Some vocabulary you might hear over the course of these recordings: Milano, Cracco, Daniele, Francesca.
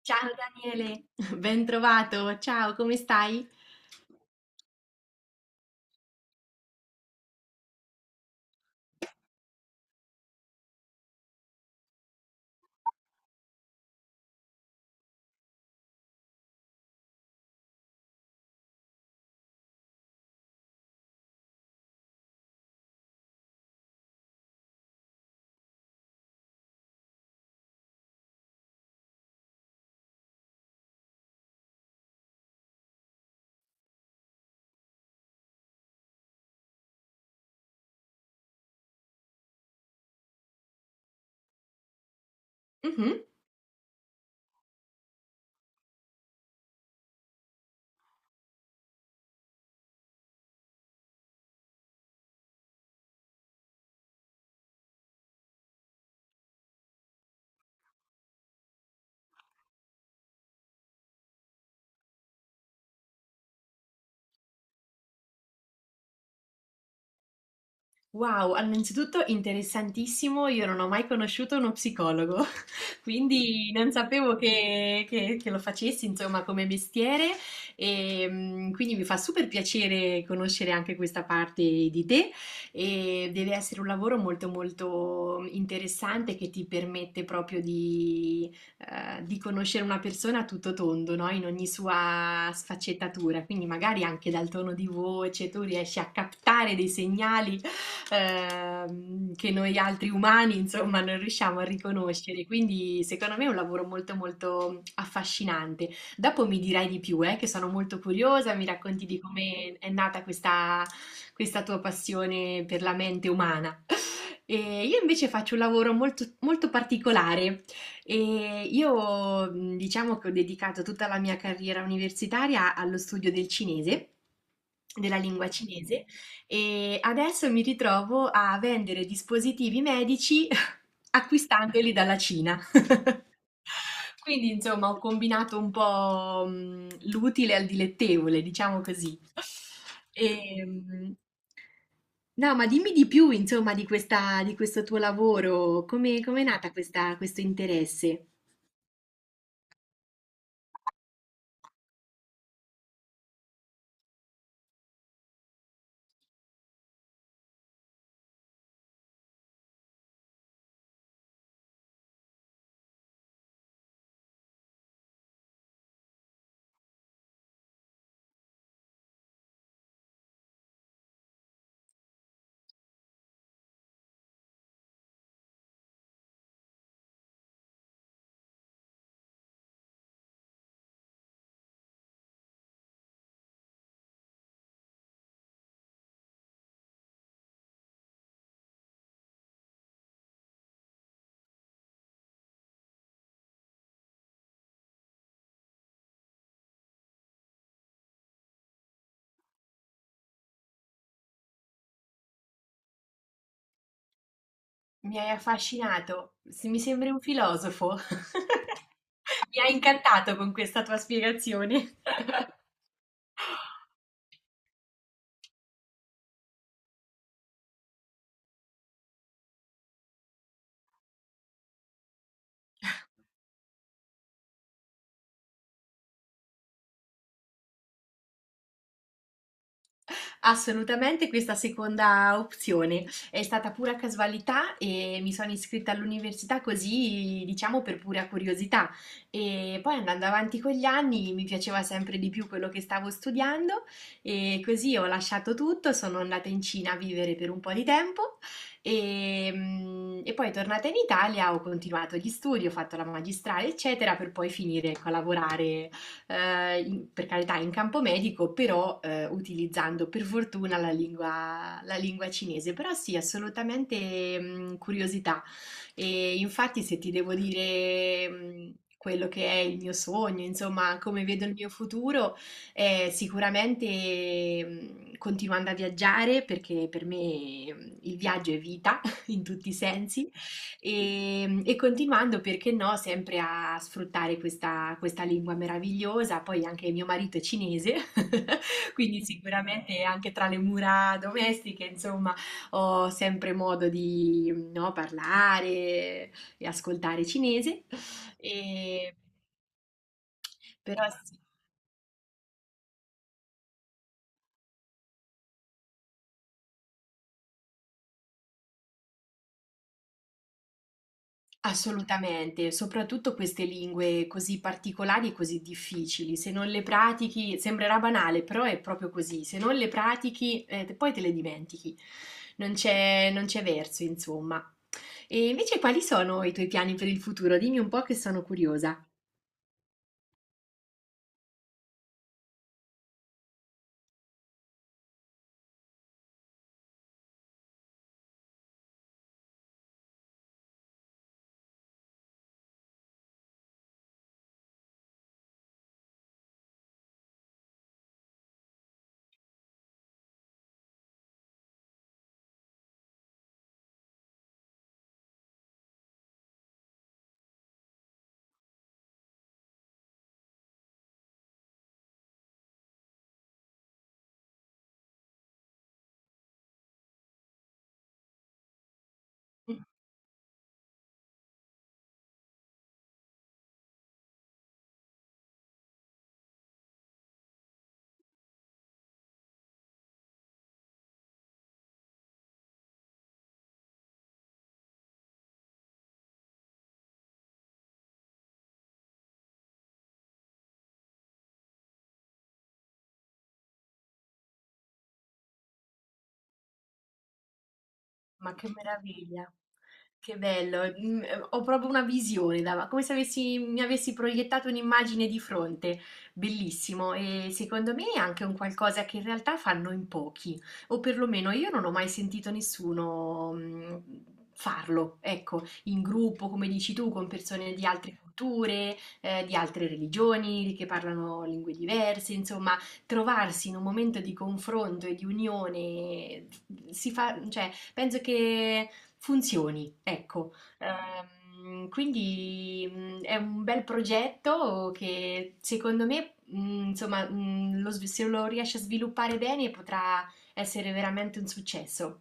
Ciao Daniele, ben trovato, ciao, come stai? Mhm. Wow, allora, innanzitutto interessantissimo, io non ho mai conosciuto uno psicologo, quindi non sapevo che lo facessi, insomma, come mestiere e quindi mi fa super piacere conoscere anche questa parte di te e deve essere un lavoro molto molto interessante che ti permette proprio di conoscere una persona a tutto tondo, no? In ogni sua sfaccettatura, quindi magari anche dal tono di voce tu riesci a captare dei segnali che noi altri umani, insomma, non riusciamo a riconoscere. Quindi, secondo me è un lavoro molto, molto affascinante. Dopo mi dirai di più, che sono molto curiosa, mi racconti di come è nata questa tua passione per la mente umana. E io invece faccio un lavoro molto, molto particolare e io diciamo che ho dedicato tutta la mia carriera universitaria allo studio del cinese, della lingua cinese e adesso mi ritrovo a vendere dispositivi medici acquistandoli dalla Cina. Quindi insomma ho combinato un po', l'utile al dilettevole, diciamo così. Ehm no, ma dimmi di più insomma di questa di questo tuo lavoro, come com'è nata questa questo interesse? Mi hai affascinato, se mi sembri un filosofo. Mi hai incantato con questa tua spiegazione. Assolutamente questa seconda opzione. È stata pura casualità e mi sono iscritta all'università così, diciamo, per pura curiosità. E poi andando avanti con gli anni mi piaceva sempre di più quello che stavo studiando e così ho lasciato tutto, sono andata in Cina a vivere per un po' di tempo e e poi tornata in Italia ho continuato gli studi, ho fatto la magistrale, eccetera, per poi finire, ecco, a lavorare per carità in campo medico, però utilizzando per fortuna la lingua cinese. Però sì, assolutamente curiosità. E infatti se ti devo dire quello che è il mio sogno, insomma, come vedo il mio futuro, sicuramente continuando a viaggiare, perché per me il viaggio è vita in tutti i sensi. E continuando, perché no, sempre a sfruttare questa lingua meravigliosa. Poi anche mio marito è cinese, quindi sicuramente anche tra le mura domestiche, insomma, ho sempre modo di, no, parlare e ascoltare cinese. E, però sì. Assolutamente, soprattutto queste lingue così particolari e così difficili, se non le pratichi, sembrerà banale, però è proprio così, se non le pratichi, poi te le dimentichi, non c'è verso, insomma. E invece quali sono i tuoi piani per il futuro? Dimmi un po' che sono curiosa. Ma che meraviglia, che bello. Mm, ho proprio una visione, dava- come se avessi- mi avessi proiettato un'immagine di fronte. Bellissimo e secondo me è anche un qualcosa che in realtà fanno in pochi, o perlomeno io non ho mai sentito nessuno farlo, ecco, in gruppo, come dici tu, con persone di altre culture, di altre religioni, che parlano lingue diverse, insomma, trovarsi in un momento di confronto e di unione si fa, cioè, penso che funzioni, ecco. Quindi è un bel progetto che secondo me, insomma, se lo riesce a sviluppare bene potrà essere veramente un successo.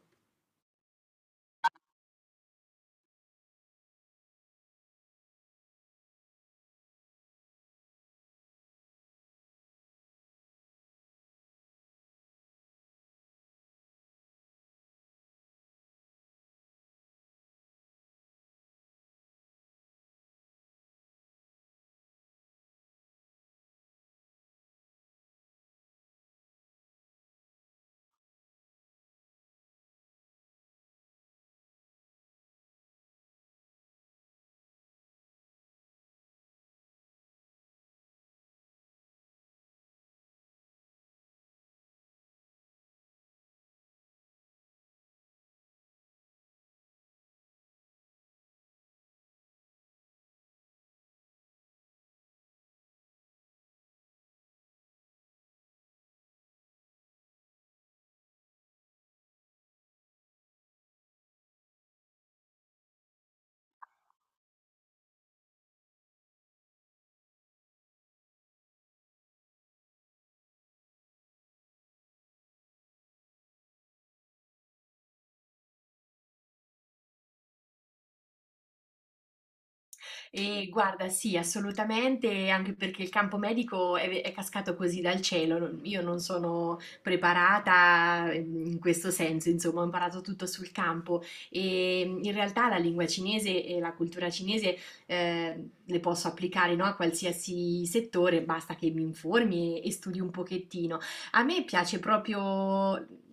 E guarda, sì, assolutamente, anche perché il campo medico è cascato così dal cielo. Io non sono preparata in questo senso, insomma, ho imparato tutto sul campo e in realtà la lingua cinese e la cultura cinese le posso applicare, no, a qualsiasi settore, basta che mi informi e studi un pochettino. A me piace proprio,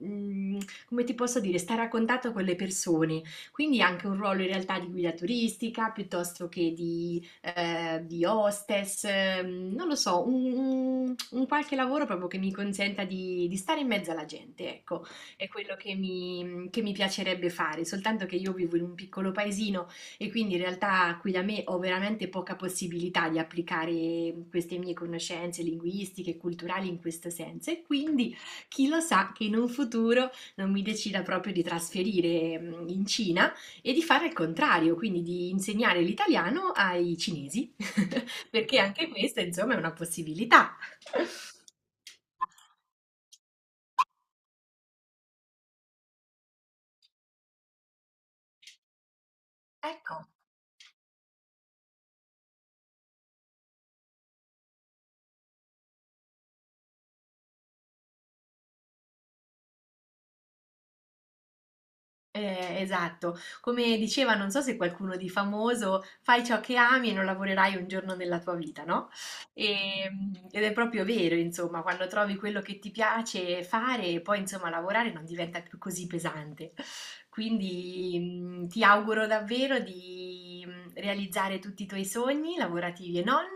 mm, come ti posso dire, stare a contatto con le persone, quindi anche un ruolo in realtà di guida turistica piuttosto che di hostess, non lo so, un qualche lavoro proprio che mi consenta di stare in mezzo alla gente, ecco, è quello che che mi piacerebbe fare, soltanto che io vivo in un piccolo paesino e quindi in realtà qui da me ho veramente poca possibilità di applicare queste mie conoscenze linguistiche e culturali in questo senso e quindi chi lo sa che in un futuro non mi decida proprio di trasferire in Cina e di fare il contrario, quindi di insegnare l'italiano ai cinesi, perché anche questa, insomma, è una possibilità. Ecco. Esatto, come diceva, non so se qualcuno di famoso, fai ciò che ami e non lavorerai un giorno nella tua vita, no? E, ed è proprio vero, insomma, quando trovi quello che ti piace fare, poi insomma lavorare non diventa più così pesante. Quindi ti auguro davvero di realizzare tutti i tuoi sogni, lavorativi e non,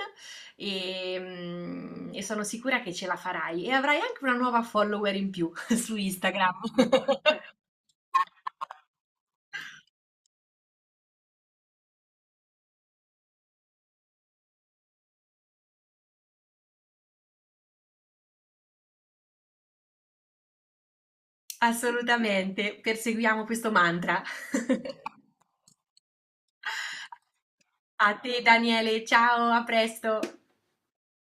e e sono sicura che ce la farai e avrai anche una nuova follower in più su Instagram. Assolutamente, perseguiamo questo mantra. A te Daniele, ciao, a presto.